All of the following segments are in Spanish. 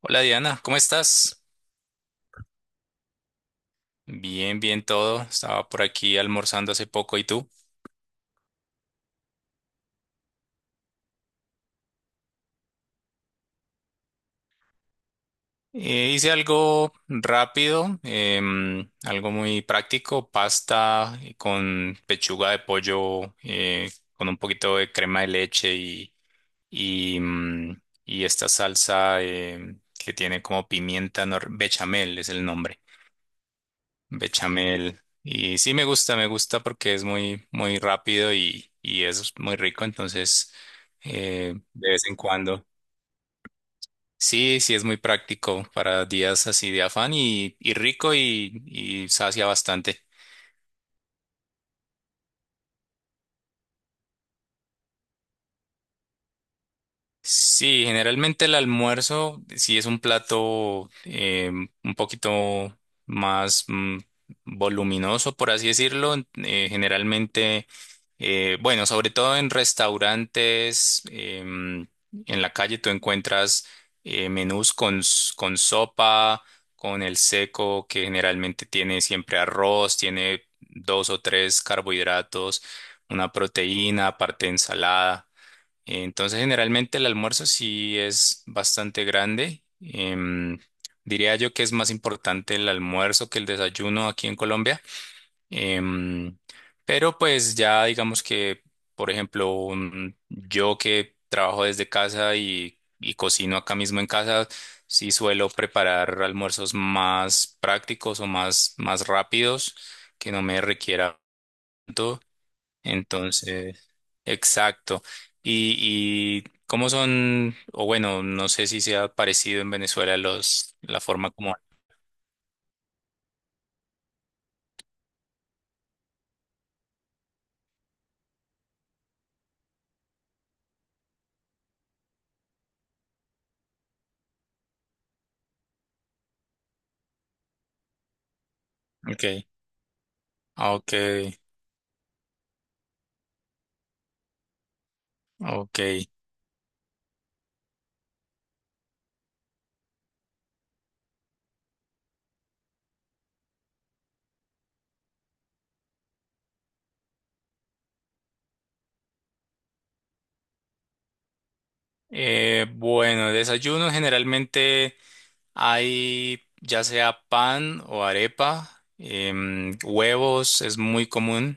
Hola Diana, ¿cómo estás? Bien, bien todo. Estaba por aquí almorzando hace poco, ¿y tú? Hice algo rápido, algo muy práctico, pasta con pechuga de pollo, con un poquito de crema de leche y esta salsa que tiene como pimienta nor- bechamel es el nombre. Bechamel. Y sí me gusta porque es muy, muy rápido y es muy rico, entonces de vez en cuando. Sí, sí es muy práctico para días así de afán y rico y sacia bastante. Sí, generalmente el almuerzo sí es un plato un poquito más voluminoso, por así decirlo. Generalmente Bueno, sobre todo en restaurantes, en la calle tú encuentras menús con sopa, con el seco, que generalmente tiene siempre arroz, tiene dos o tres carbohidratos, una proteína, aparte ensalada. Entonces, generalmente el almuerzo sí es bastante grande. Diría yo que es más importante el almuerzo que el desayuno aquí en Colombia. Em, pero pues ya digamos que, por ejemplo, yo que trabajo desde casa y cocino acá mismo en casa, sí suelo preparar almuerzos más prácticos o más rápidos que no me requiera tanto. Entonces, exacto. Y, y cómo son, o bueno, no sé si sea parecido en Venezuela la forma como... Okay, ok, ok. Bueno, de desayuno generalmente hay ya sea pan o arepa, huevos es muy común,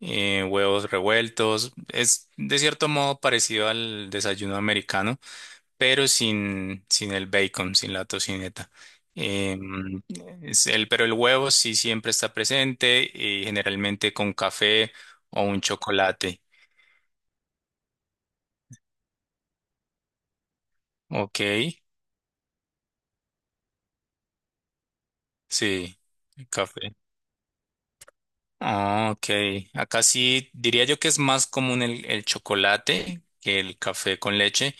huevos revueltos, es de cierto modo parecido al desayuno americano, pero sin el bacon, sin la tocineta. Em, pero el huevo sí siempre está presente y generalmente con café o un chocolate. Ok, sí, café. Ah, ok. Acá sí diría yo que es más común el chocolate que el café con leche.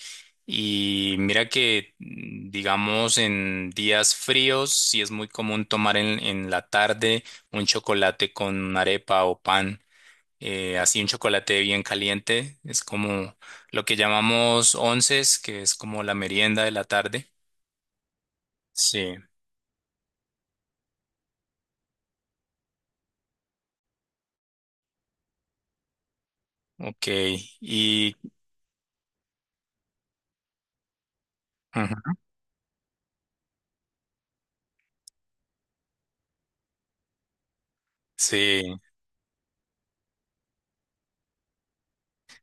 Y mira que, digamos, en días fríos sí es muy común tomar en la tarde un chocolate con arepa o pan. Así un chocolate bien caliente. Es como lo que llamamos onces, que es como la merienda de la tarde. Sí, ok. Y Ujú, sí.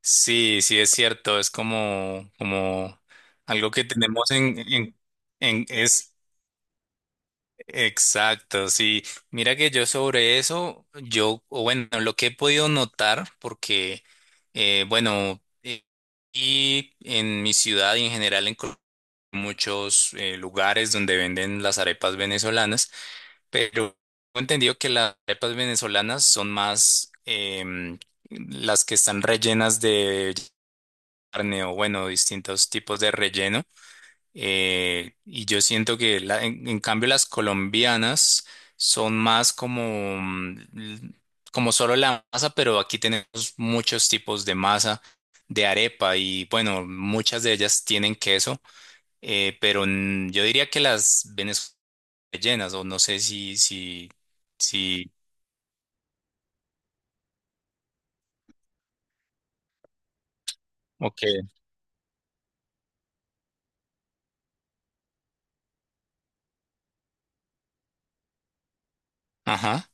Sí, sí es cierto, es como algo que tenemos. Es exacto, sí. Mira que yo sobre eso, o bueno, lo que he podido notar, porque, bueno, y en mi ciudad y en general en muchos lugares donde venden las arepas venezolanas, pero he entendido que las arepas venezolanas son más las que están rellenas de carne o bueno, distintos tipos de relleno. Y yo siento que en cambio las colombianas son más como, como solo la masa, pero aquí tenemos muchos tipos de masa, de arepa y bueno, muchas de ellas tienen queso, pero yo diría que las venezolanas rellenas o no sé si, ok, ajá.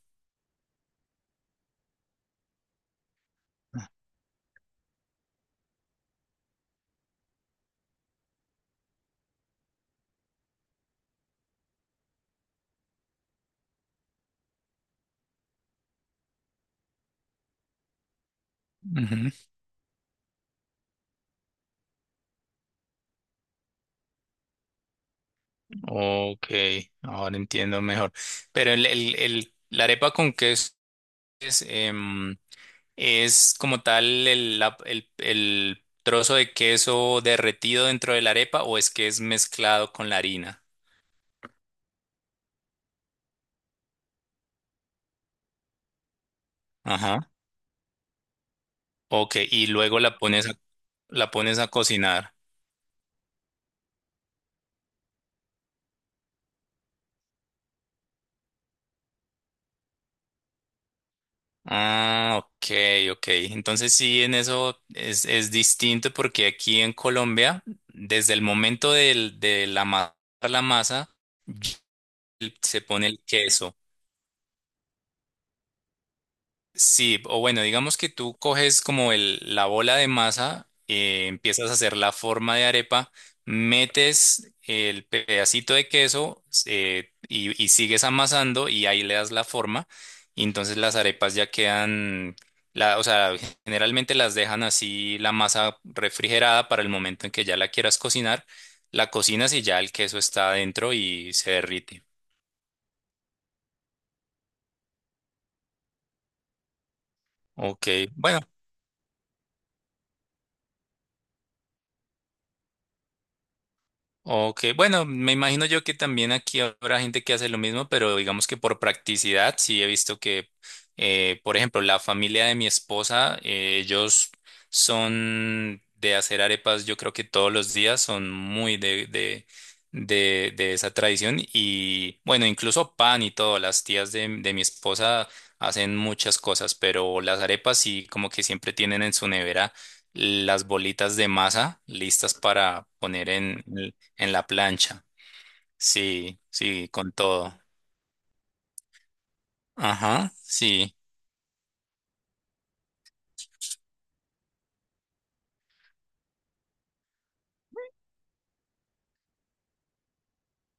Ujú. Ok, ahora entiendo mejor. Pero la arepa con queso es, em, es como tal el trozo de queso derretido dentro de la arepa o es que es mezclado con la harina. Ajá. Ok, y luego la pones a cocinar. Ah, ok, ok. Entonces sí, en eso es distinto porque aquí en Colombia, desde el momento del, de la ma- la masa, ya se pone el queso. Sí, o bueno, digamos que tú coges como la bola de masa, empiezas a hacer la forma de arepa, metes el pedacito de queso y sigues amasando y ahí le das la forma y entonces las arepas ya quedan, o sea, generalmente las dejan así la masa refrigerada para el momento en que ya la quieras cocinar, la cocinas y ya el queso está adentro y se derrite. Ok, bueno. Ok, bueno, me imagino yo que también aquí habrá gente que hace lo mismo, pero digamos que por practicidad sí he visto que, por ejemplo, la familia de mi esposa, ellos son de hacer arepas, yo creo que todos los días son muy de esa tradición y bueno, incluso pan y todo, las tías de mi esposa hacen muchas cosas, pero las arepas sí como que siempre tienen en su nevera las bolitas de masa listas para poner en... En la plancha. Sí, sí, con todo. Ajá, sí.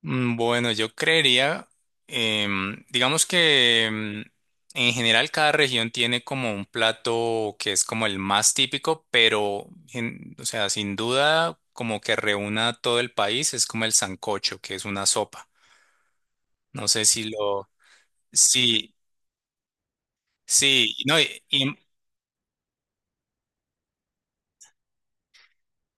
Bueno, yo creería, digamos que en general cada región tiene como un plato que es como el más típico, pero, o sea, sin duda, como que reúna a todo el país, es como el sancocho, que es una sopa. No sé si lo... Sí, sí, no.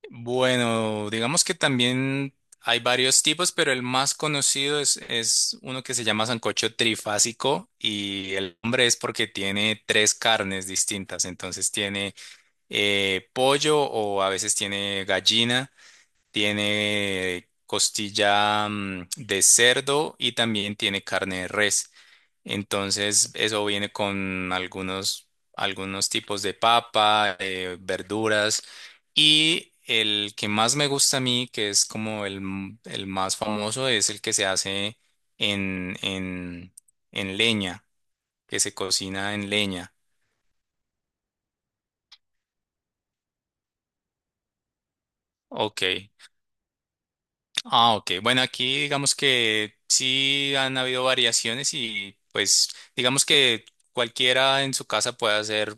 Bueno, digamos que también hay varios tipos, pero el más conocido es uno que se llama sancocho trifásico y el nombre es porque tiene tres carnes distintas. Entonces tiene pollo o a veces tiene gallina, tiene costilla de cerdo y también tiene carne de res. Entonces, eso viene con algunos tipos de papa, verduras. Y el que más me gusta a mí, que es como el más famoso, es el que se hace en, en, en leña, que se cocina en leña. Ok. Ah, ok. Bueno, aquí digamos que sí han habido variaciones y pues digamos que cualquiera en su casa puede hacer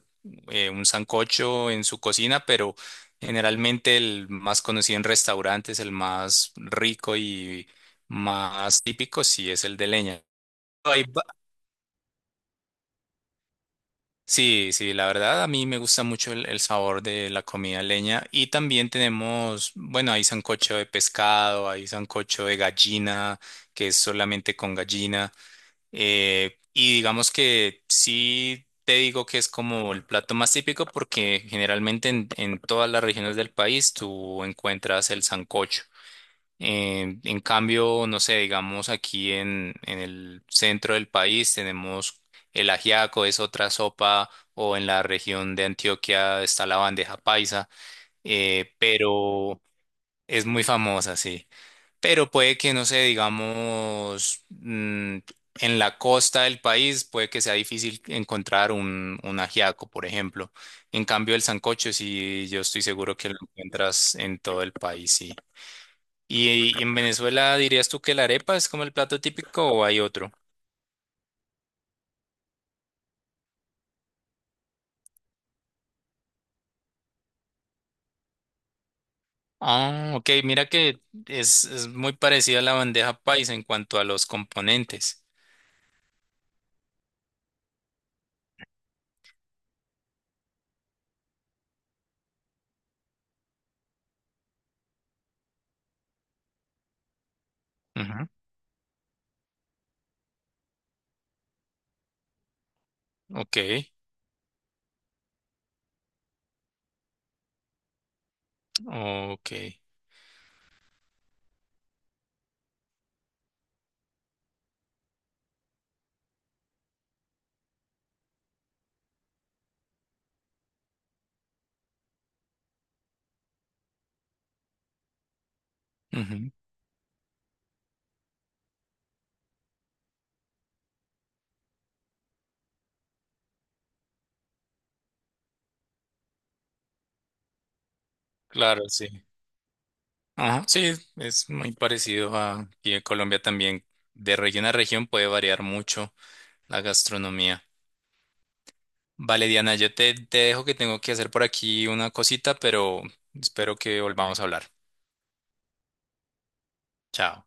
un sancocho en su cocina, pero generalmente el más conocido en restaurantes, el más rico y más típico, sí es el de leña. Hay Sí, sí, la verdad a mí me gusta mucho el sabor de la comida leña y también tenemos, bueno, hay sancocho de pescado, hay sancocho de gallina, que es solamente con gallina. Y digamos que sí te digo que es como el plato más típico porque generalmente en todas las regiones del país tú encuentras el sancocho. En cambio, no sé, digamos aquí en el centro del país tenemos el ajiaco, es otra sopa, o en la región de Antioquia está la bandeja paisa, pero es muy famosa, sí. Pero puede que, no sé, digamos, en la costa del país puede que sea difícil encontrar un ajiaco, por ejemplo. En cambio, el sancocho, sí, yo estoy seguro que lo encuentras en todo el país, sí. ¿Y en Venezuela dirías tú que la arepa es como el plato típico o hay otro? Ah, ok, mira que es muy parecida a la bandeja paisa en cuanto a los componentes. Ujú. Ok, ok. Ujú. Claro, sí. Ajá, sí, es muy parecido a... Y en Colombia también, de región a región puede variar mucho la gastronomía. Vale, Diana, yo te dejo que tengo que hacer por aquí una cosita, pero espero que volvamos a hablar. Chao.